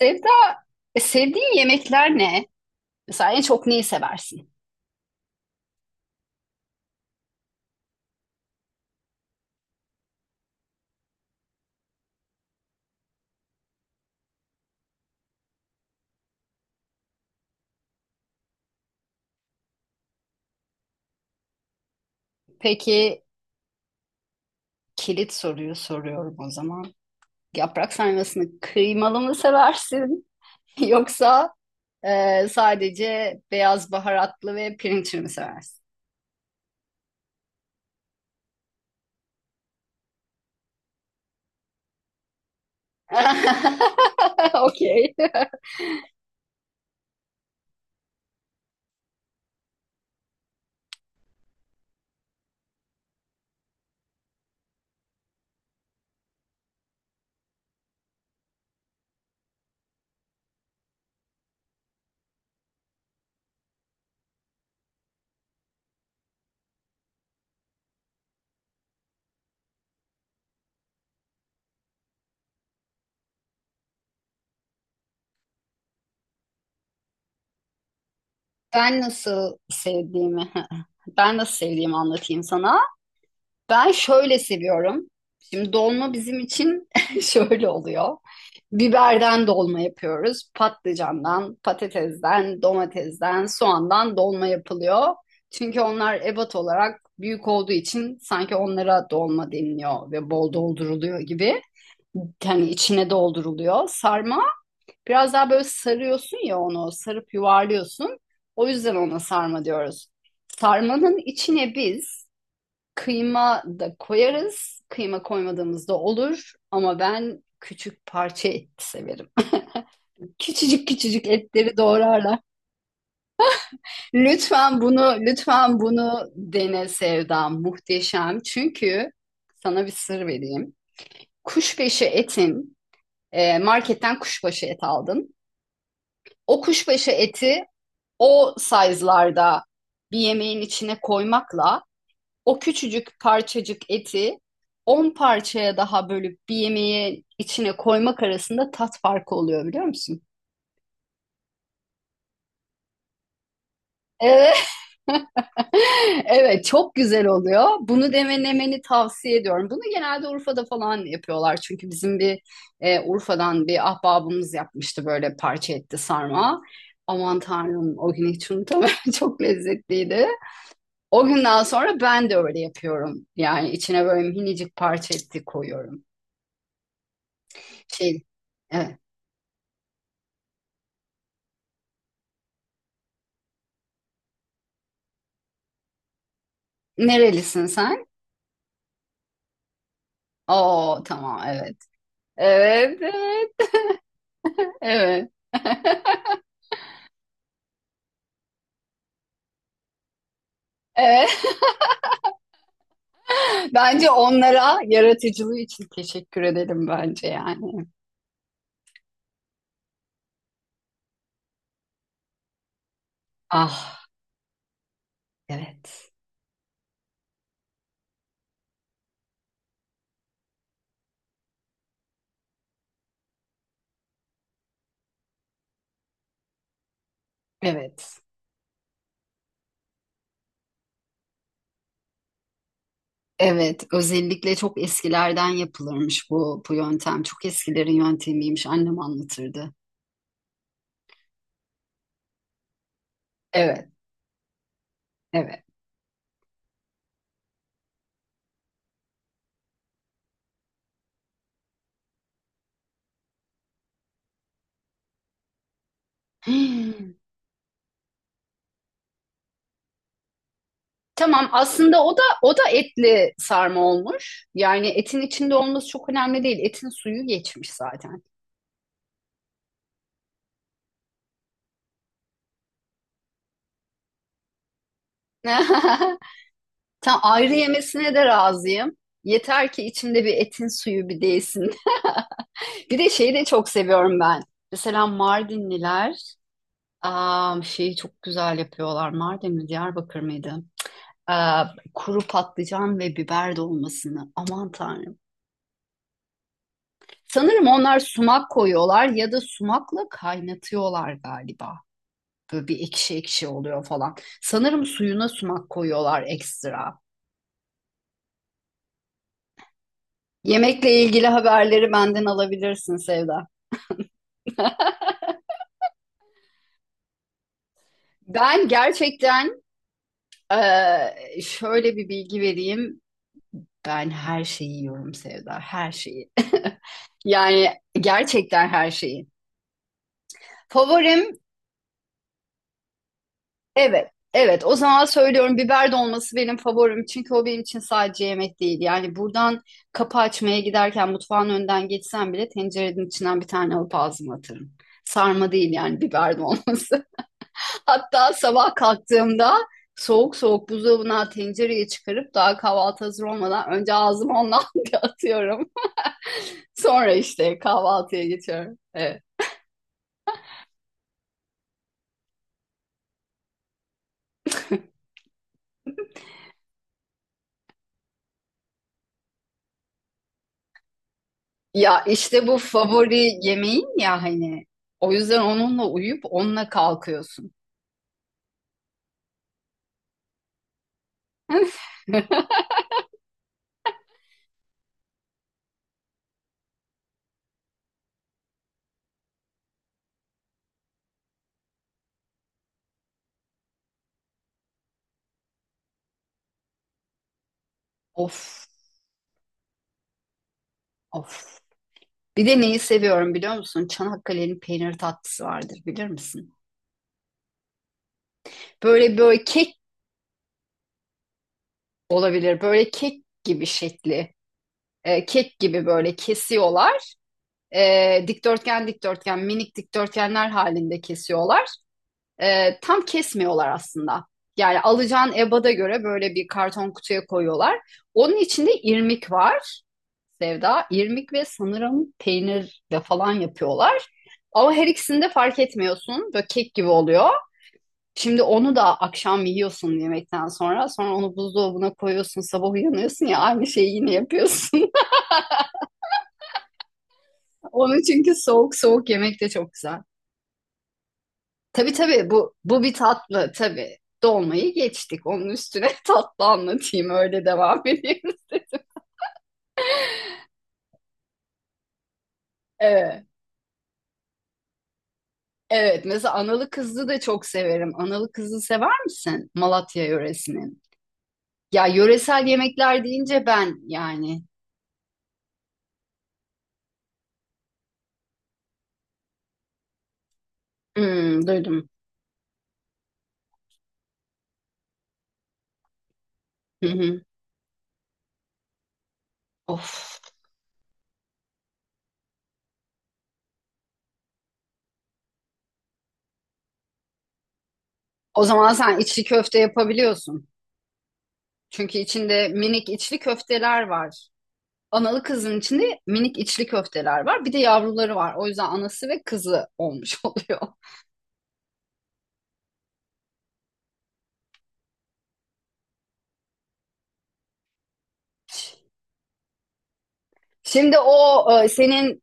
Sevda, sevdiğin yemekler ne? Mesela en çok neyi seversin? Peki kilit soruyu soruyorum o zaman. Yaprak sarmasını kıymalı mı seversin? Yoksa sadece beyaz baharatlı ve pirinçli mi seversin? Okey. Ben nasıl sevdiğimi, ben nasıl sevdiğimi anlatayım sana. Ben şöyle seviyorum. Şimdi dolma bizim için şöyle oluyor. Biberden dolma yapıyoruz. Patlıcandan, patatesden, domatesden, soğandan dolma yapılıyor. Çünkü onlar ebat olarak büyük olduğu için sanki onlara dolma deniliyor ve bol dolduruluyor gibi. Yani içine dolduruluyor. Sarma biraz daha böyle sarıyorsun ya onu, sarıp yuvarlıyorsun. O yüzden ona sarma diyoruz. Sarmanın içine biz kıyma da koyarız. Kıyma koymadığımız da olur. Ama ben küçük parça et severim. Küçücük küçücük etleri doğrarlar. Lütfen bunu, lütfen bunu dene Sevda. Muhteşem. Çünkü sana bir sır vereyim. Kuşbaşı etin, marketten kuşbaşı et aldın. O kuşbaşı eti o size'larda bir yemeğin içine koymakla o küçücük parçacık eti 10 parçaya daha bölüp bir yemeğe içine koymak arasında tat farkı oluyor biliyor musun? Evet. Evet çok güzel oluyor. Bunu denemeni tavsiye ediyorum. Bunu genelde Urfa'da falan yapıyorlar. Çünkü Urfa'dan bir ahbabımız yapmıştı böyle parça etli sarma. Aman Tanrım o gün hiç unutamıyorum. Çok lezzetliydi. O günden sonra ben de öyle yapıyorum. Yani içine böyle minicik parça etti koyuyorum. Şey, evet. Nerelisin sen? Oo, tamam, evet. Evet, evet, evet. Evet. Bence onlara yaratıcılığı için teşekkür edelim bence yani. Ah, evet. Evet. Evet, özellikle çok eskilerden yapılırmış bu yöntem. Çok eskilerin yöntemiymiş. Annem anlatırdı. Evet, evet. Hmm. Tamam, aslında o da etli sarma olmuş. Yani etin içinde olması çok önemli değil. Etin suyu geçmiş zaten. Tam ayrı yemesine de razıyım. Yeter ki içimde bir etin suyu bir değsin. Bir de şeyi de çok seviyorum ben. Mesela Mardinliler şeyi çok güzel yapıyorlar. Mardin mi Diyarbakır mıydı? Aa, kuru patlıcan ve biber dolmasını. Aman Tanrım. Sanırım onlar sumak koyuyorlar ya da sumakla kaynatıyorlar galiba. Böyle bir ekşi ekşi oluyor falan. Sanırım suyuna sumak koyuyorlar ekstra. Yemekle ilgili haberleri benden alabilirsin Sevda. Ben gerçekten şöyle bir bilgi vereyim. Ben her şeyi yiyorum Sevda, her şeyi. Yani gerçekten her şeyi. Favorim, evet. Evet, o zaman söylüyorum, biber dolması benim favorim. Çünkü o benim için sadece yemek değil. Yani buradan kapı açmaya giderken mutfağın önden geçsem bile tencerenin içinden bir tane alıp ağzıma atarım. Sarma değil yani, biber dolması. Hatta sabah kalktığımda soğuk soğuk buzdolabına tencereyi çıkarıp daha kahvaltı hazır olmadan önce ağzıma ondan bir atıyorum. Sonra işte kahvaltıya geçiyorum. Evet. Ya işte bu favori yemeğin ya hani, o yüzden onunla uyuyup onunla kalkıyorsun. Of, of. Bir de neyi seviyorum biliyor musun? Çanakkale'nin peynir tatlısı vardır, bilir misin? Böyle böyle kek olabilir. Böyle kek gibi şekli. Kek gibi böyle kesiyorlar. Dikdörtgen dikdörtgen minik dikdörtgenler halinde kesiyorlar. Tam kesmiyorlar aslında. Yani alacağın ebada göre böyle bir karton kutuya koyuyorlar. Onun içinde irmik var. Sevda, irmik ve sanırım peynirle falan yapıyorlar. Ama her ikisini de fark etmiyorsun. Böyle kek gibi oluyor. Şimdi onu da akşam yiyorsun yemekten sonra. Sonra onu buzdolabına koyuyorsun. Sabah uyanıyorsun ya, aynı şeyi yine yapıyorsun. Onu çünkü soğuk soğuk yemek de çok güzel. Tabii tabii, bu bir tatlı tabii. Dolmayı geçtik. Onun üstüne tatlı anlatayım öyle devam edeyim. Evet. Evet, mesela analı kızlı da çok severim. Analı kızlı sever misin? Malatya yöresinin. Ya yöresel yemekler deyince ben yani. Hmm, duydum. Hı hı. Of. O zaman sen içli köfte yapabiliyorsun. Çünkü içinde minik içli köfteler var. Analı kızın içinde minik içli köfteler var. Bir de yavruları var. O yüzden anası ve kızı olmuş oluyor. Şimdi senin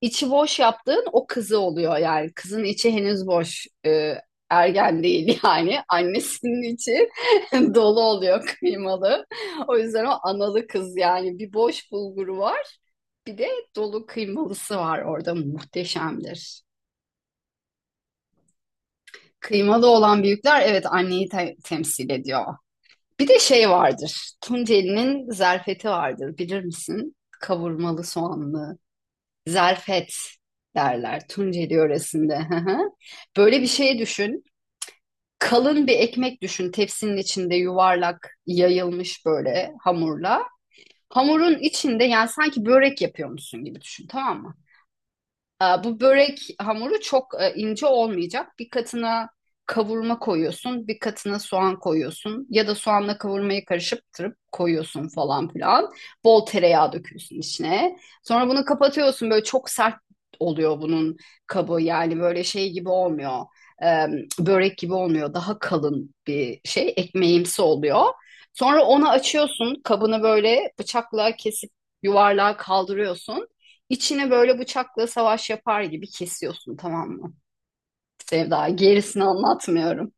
içi boş yaptığın o kızı oluyor yani. Kızın içi henüz boş. Ergen değil yani. Annesinin içi dolu oluyor kıymalı. O yüzden o analı kız yani. Bir boş bulguru var. Bir de dolu kıymalısı var, orada muhteşemdir. Kıymalı olan büyükler, evet, anneyi temsil ediyor. Bir de şey vardır. Tunceli'nin zerfeti vardır bilir misin? Kavurmalı soğanlı. Zarfet derler Tunceli yöresinde. Hı hı. Böyle bir şey düşün. Kalın bir ekmek düşün, tepsinin içinde yuvarlak yayılmış böyle hamurla. Hamurun içinde yani sanki börek yapıyormuşsun gibi düşün, tamam mı? Bu börek hamuru çok ince olmayacak. Bir katına kavurma koyuyorsun, bir katına soğan koyuyorsun ya da soğanla kavurmayı karıştırıp koyuyorsun falan filan. Bol tereyağı döküyorsun içine. Sonra bunu kapatıyorsun. Böyle çok sert oluyor bunun kabı. Yani böyle şey gibi olmuyor. Ee, Börek gibi olmuyor. Daha kalın bir şey, ekmeğimsi oluyor. Sonra onu açıyorsun. Kabını böyle bıçakla kesip yuvarlağa kaldırıyorsun. İçine böyle bıçakla savaş yapar gibi kesiyorsun, tamam mı? Sevda, gerisini anlatmıyorum.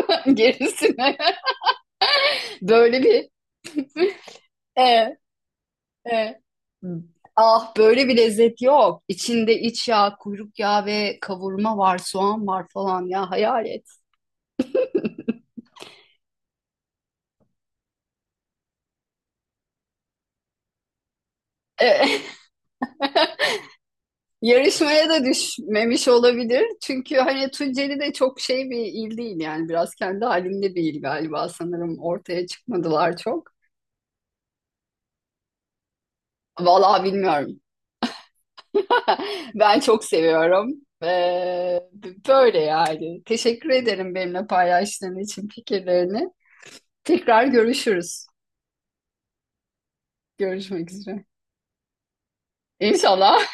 Gerisini böyle bir e, e. Ah böyle bir lezzet yok. İçinde iç yağ, kuyruk yağı ve kavurma var, soğan var falan, ya hayal et. E, Yarışmaya da düşmemiş olabilir. Çünkü hani Tunceli de çok şey bir il değil yani, biraz kendi halinde bir il galiba, sanırım ortaya çıkmadılar çok. Vallahi bilmiyorum. Ben çok seviyorum. Ee, Böyle yani. Teşekkür ederim benimle paylaştığın için fikirlerini. Tekrar görüşürüz. Görüşmek üzere. İnşallah